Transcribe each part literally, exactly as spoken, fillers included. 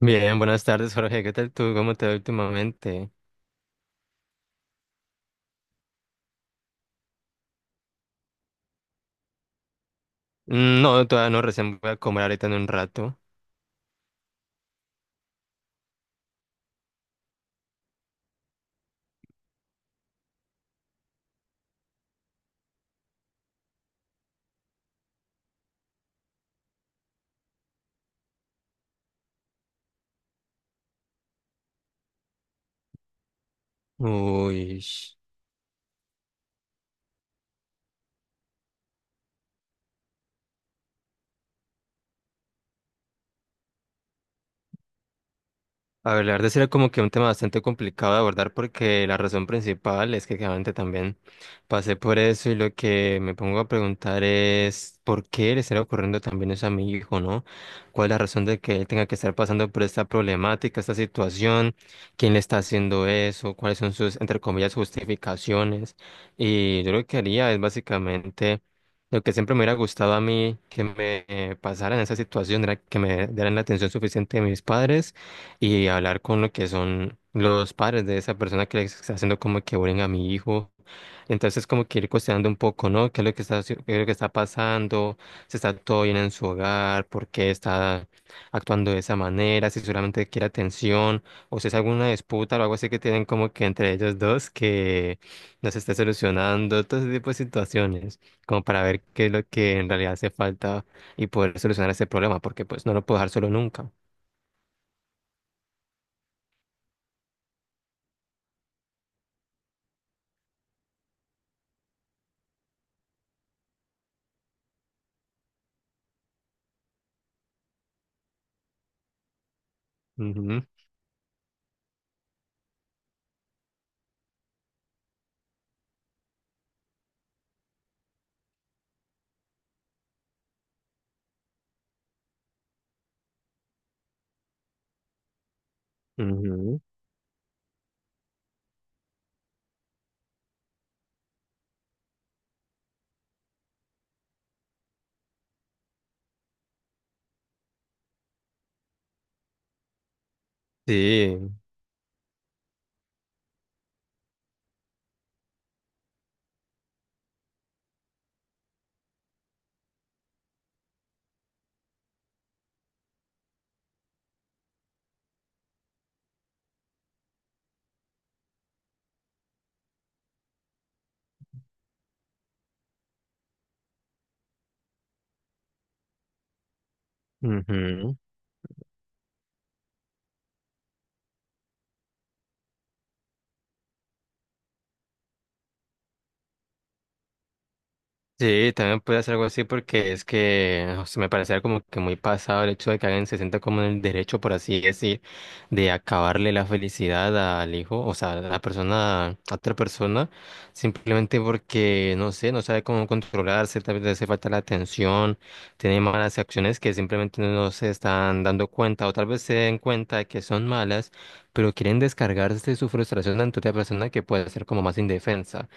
Bien, buenas tardes, Jorge. ¿Qué tal tú? ¿Cómo te va últimamente? Mm, No, todavía no, recién voy a comer ahorita en un rato. Uy. A ver, la verdad sí era como que un tema bastante complicado de abordar porque la razón principal es que claramente también pasé por eso y lo que me pongo a preguntar es por qué le estará ocurriendo también eso a mi hijo, ¿no? ¿Cuál es la razón de que él tenga que estar pasando por esta problemática, esta situación? ¿Quién le está haciendo eso? ¿Cuáles son sus, entre comillas, justificaciones? Y yo lo que haría es básicamente... Lo que siempre me hubiera gustado a mí que me eh, pasara en esa situación era que me dieran la atención suficiente de mis padres y hablar con lo que son los padres de esa persona que le está haciendo como que bullying a mi hijo. Entonces como que ir cuestionando un poco, ¿no? ¿Qué es lo que está, haci- qué es lo que está pasando? ¿Si está todo bien en su hogar? ¿Por qué está actuando de esa manera? ¿Si solamente quiere atención? ¿O si es alguna disputa o algo así que tienen como que entre ellos dos que no se esté solucionando? Todo ese tipo de situaciones, como para ver qué es lo que en realidad hace falta y poder solucionar ese problema, porque pues no lo puedo dejar solo nunca. Ujú, ujú. Sí, ujú. Sí, también puede hacer algo así porque es que o sea, me parece como que muy pasado el hecho de que alguien se sienta como en el derecho, por así decir, de acabarle la felicidad al hijo, o sea, a la persona, a otra persona, simplemente porque, no sé, no sabe cómo controlarse, tal vez le hace falta la atención, tiene malas acciones que simplemente no se están dando cuenta o tal vez se den cuenta de que son malas, pero quieren descargarse su frustración ante otra persona que puede ser como más indefensa.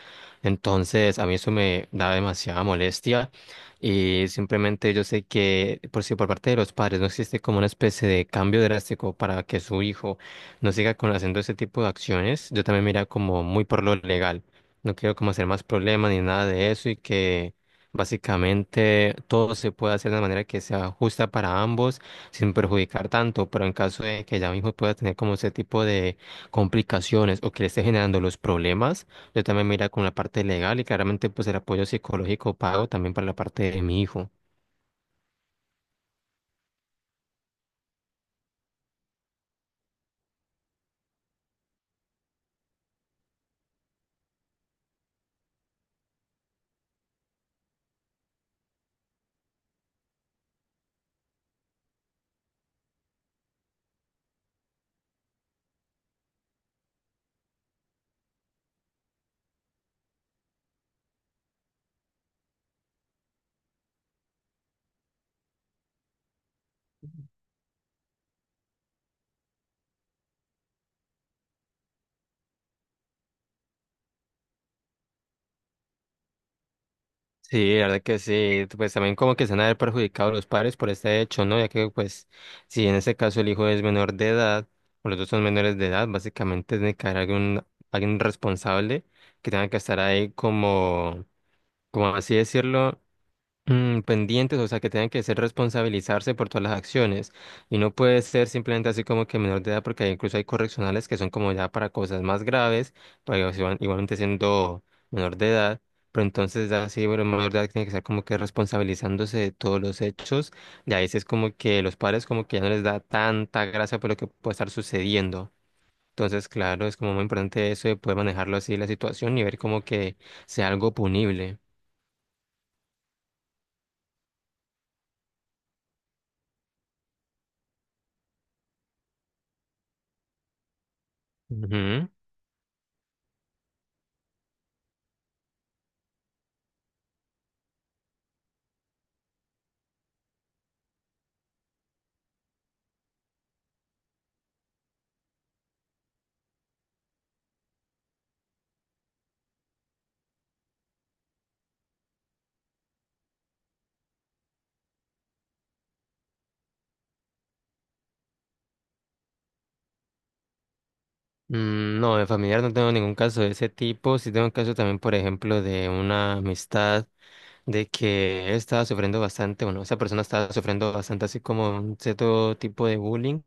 Entonces, a mí eso me da demasiada molestia y simplemente yo sé que por si por parte de los padres no existe como una especie de cambio drástico para que su hijo no siga con haciendo ese tipo de acciones, yo también me iría como muy por lo legal. No quiero como hacer más problemas ni nada de eso y que básicamente todo se pueda hacer de manera que sea justa para ambos sin perjudicar tanto, pero en caso de que ya mi hijo pueda tener como ese tipo de complicaciones o que le esté generando los problemas yo también mira con la parte legal y claramente pues el apoyo psicológico pago también para la parte de mi hijo. Sí, la verdad que sí, pues también como que se han de haber perjudicado los padres por este hecho, ¿no? Ya que pues si en ese caso el hijo es menor de edad o los dos son menores de edad, básicamente tiene que haber algún, alguien responsable que tenga que estar ahí como, como así decirlo. Mm, pendientes, o sea, que tengan que ser responsabilizarse por todas las acciones y no puede ser simplemente así como que menor de edad, porque hay- incluso hay correccionales que son como ya para cosas más graves, pero ellos igual- igualmente siendo menor de edad, pero entonces ya sí, bueno, menor de edad tiene que ser como que responsabilizándose de todos los hechos y a veces como que los padres como que ya no les da tanta gracia por lo que puede estar sucediendo. Entonces, claro, es como muy importante eso de poder manejarlo así la situación y ver como que sea algo punible. Mm, No, de familiar no tengo ningún caso de ese tipo. Sí tengo un caso también, por ejemplo, de una amistad de que él estaba sufriendo bastante, bueno, esa persona estaba sufriendo bastante así como un cierto tipo de bullying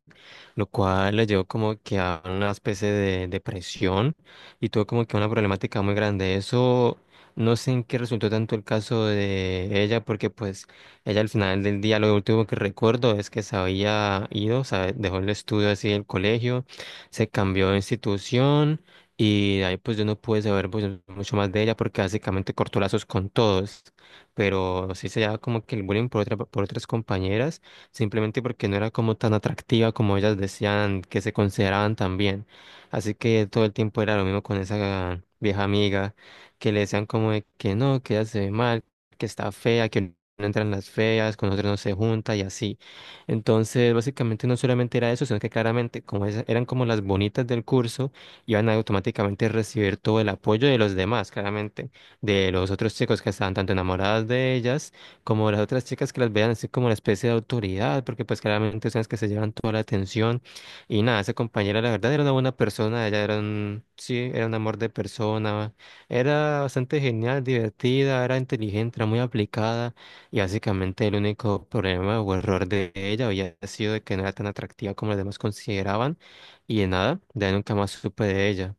lo cual le llevó como que a una especie de depresión y tuvo como que una problemática muy grande. Eso no sé en qué resultó tanto el caso de ella, porque pues ella al final del día lo último que recuerdo es que se había ido, o sea, dejó el estudio así del colegio, se cambió de institución. Y de ahí pues yo no pude saber pues, mucho más de ella porque básicamente cortó lazos con todos. Pero sí se llevaba como que el bullying por otra, por otras compañeras simplemente porque no era como tan atractiva como ellas decían que se consideraban también. Así que todo el tiempo era lo mismo con esa vieja amiga, que le decían como de que no, que ella se ve mal, que está fea, que no entran las feas, con nosotros no se junta y así. Entonces, básicamente no solamente era eso, sino que claramente, como esas eran como las bonitas del curso, iban a automáticamente recibir todo el apoyo de los demás, claramente, de los otros chicos que estaban tanto enamoradas de ellas como las otras chicas que las vean así como la especie de autoridad, porque pues claramente son las que se llevan toda la atención. Y nada, esa compañera la verdad era una buena persona, ella era un, sí, era un amor de persona, era bastante genial, divertida, era inteligente, era muy aplicada y básicamente el único problema o error de ella había sido de que no era tan atractiva como los demás consideraban y de nada, de ahí nunca más supe de ella.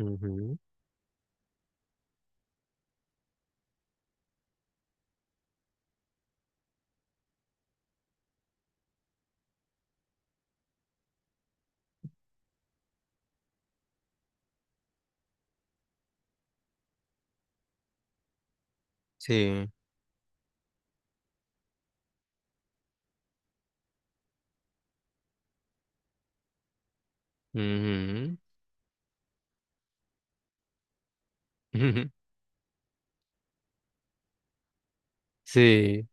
Ujú. Sí. Ujú. Sí.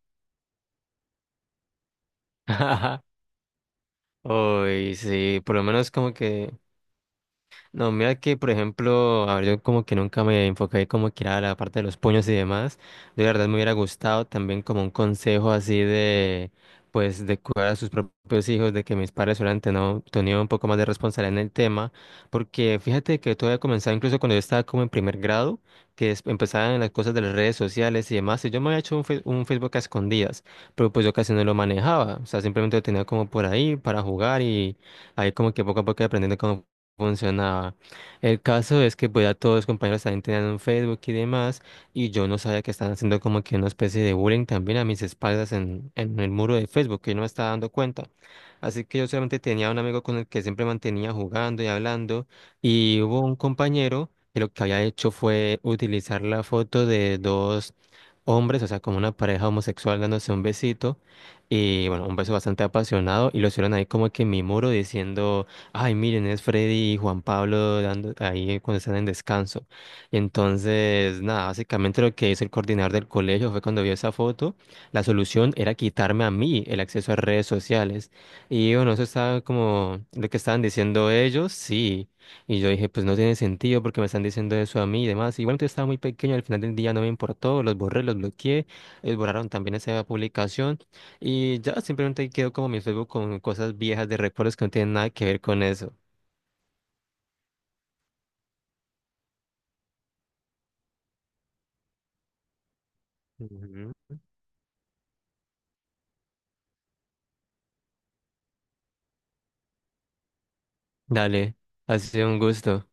Uy, sí, por lo menos como que... No, mira que, por ejemplo, a ver, yo como que nunca me enfoqué como que era la parte de los puños y demás. Yo la verdad me hubiera gustado también como un consejo así de, pues, de cuidar a sus propios hijos, de que mis padres hubieran tenido, tenido un poco más de responsabilidad en el tema. Porque fíjate que todo había comenzado incluso cuando yo estaba como en primer grado, que es- empezaban las cosas de las redes sociales y demás. Y yo me había hecho un, fe- un Facebook a escondidas, pero pues yo casi no lo manejaba. O sea, simplemente lo tenía como por ahí para jugar y ahí como que poco a poco iba aprendiendo cómo funcionaba. El caso es que pues ya todos los compañeros también tenían un Facebook y demás, y yo no sabía que estaban haciendo como que una especie de bullying también a mis espaldas en, en el muro de Facebook, que yo no me estaba dando cuenta. Así que yo solamente tenía un amigo con el que siempre mantenía jugando y hablando, y hubo un compañero que lo que había hecho fue utilizar la foto de dos hombres, o sea, como una pareja homosexual dándose un besito, y bueno, un beso bastante apasionado, y lo hicieron ahí como que en mi muro diciendo... Ay, miren, es Freddy y Juan Pablo dando, ahí cuando están en descanso. Y entonces, nada, básicamente lo que hizo el coordinador del colegio fue cuando vio esa foto, la solución era quitarme a mí el acceso a redes sociales. Y bueno, eso estaba como lo que estaban diciendo ellos, sí. Y yo dije, pues no tiene sentido porque me están diciendo eso a mí y demás. Igual yo estaba muy pequeño, al final del día no me importó, los borré, los bloqueé, ellos borraron también esa publicación. Y ya simplemente quedo como mi Facebook con cosas viejas de recuerdos que no tienen nada que ver con eso. Ujú. Dale, ha sido un gusto.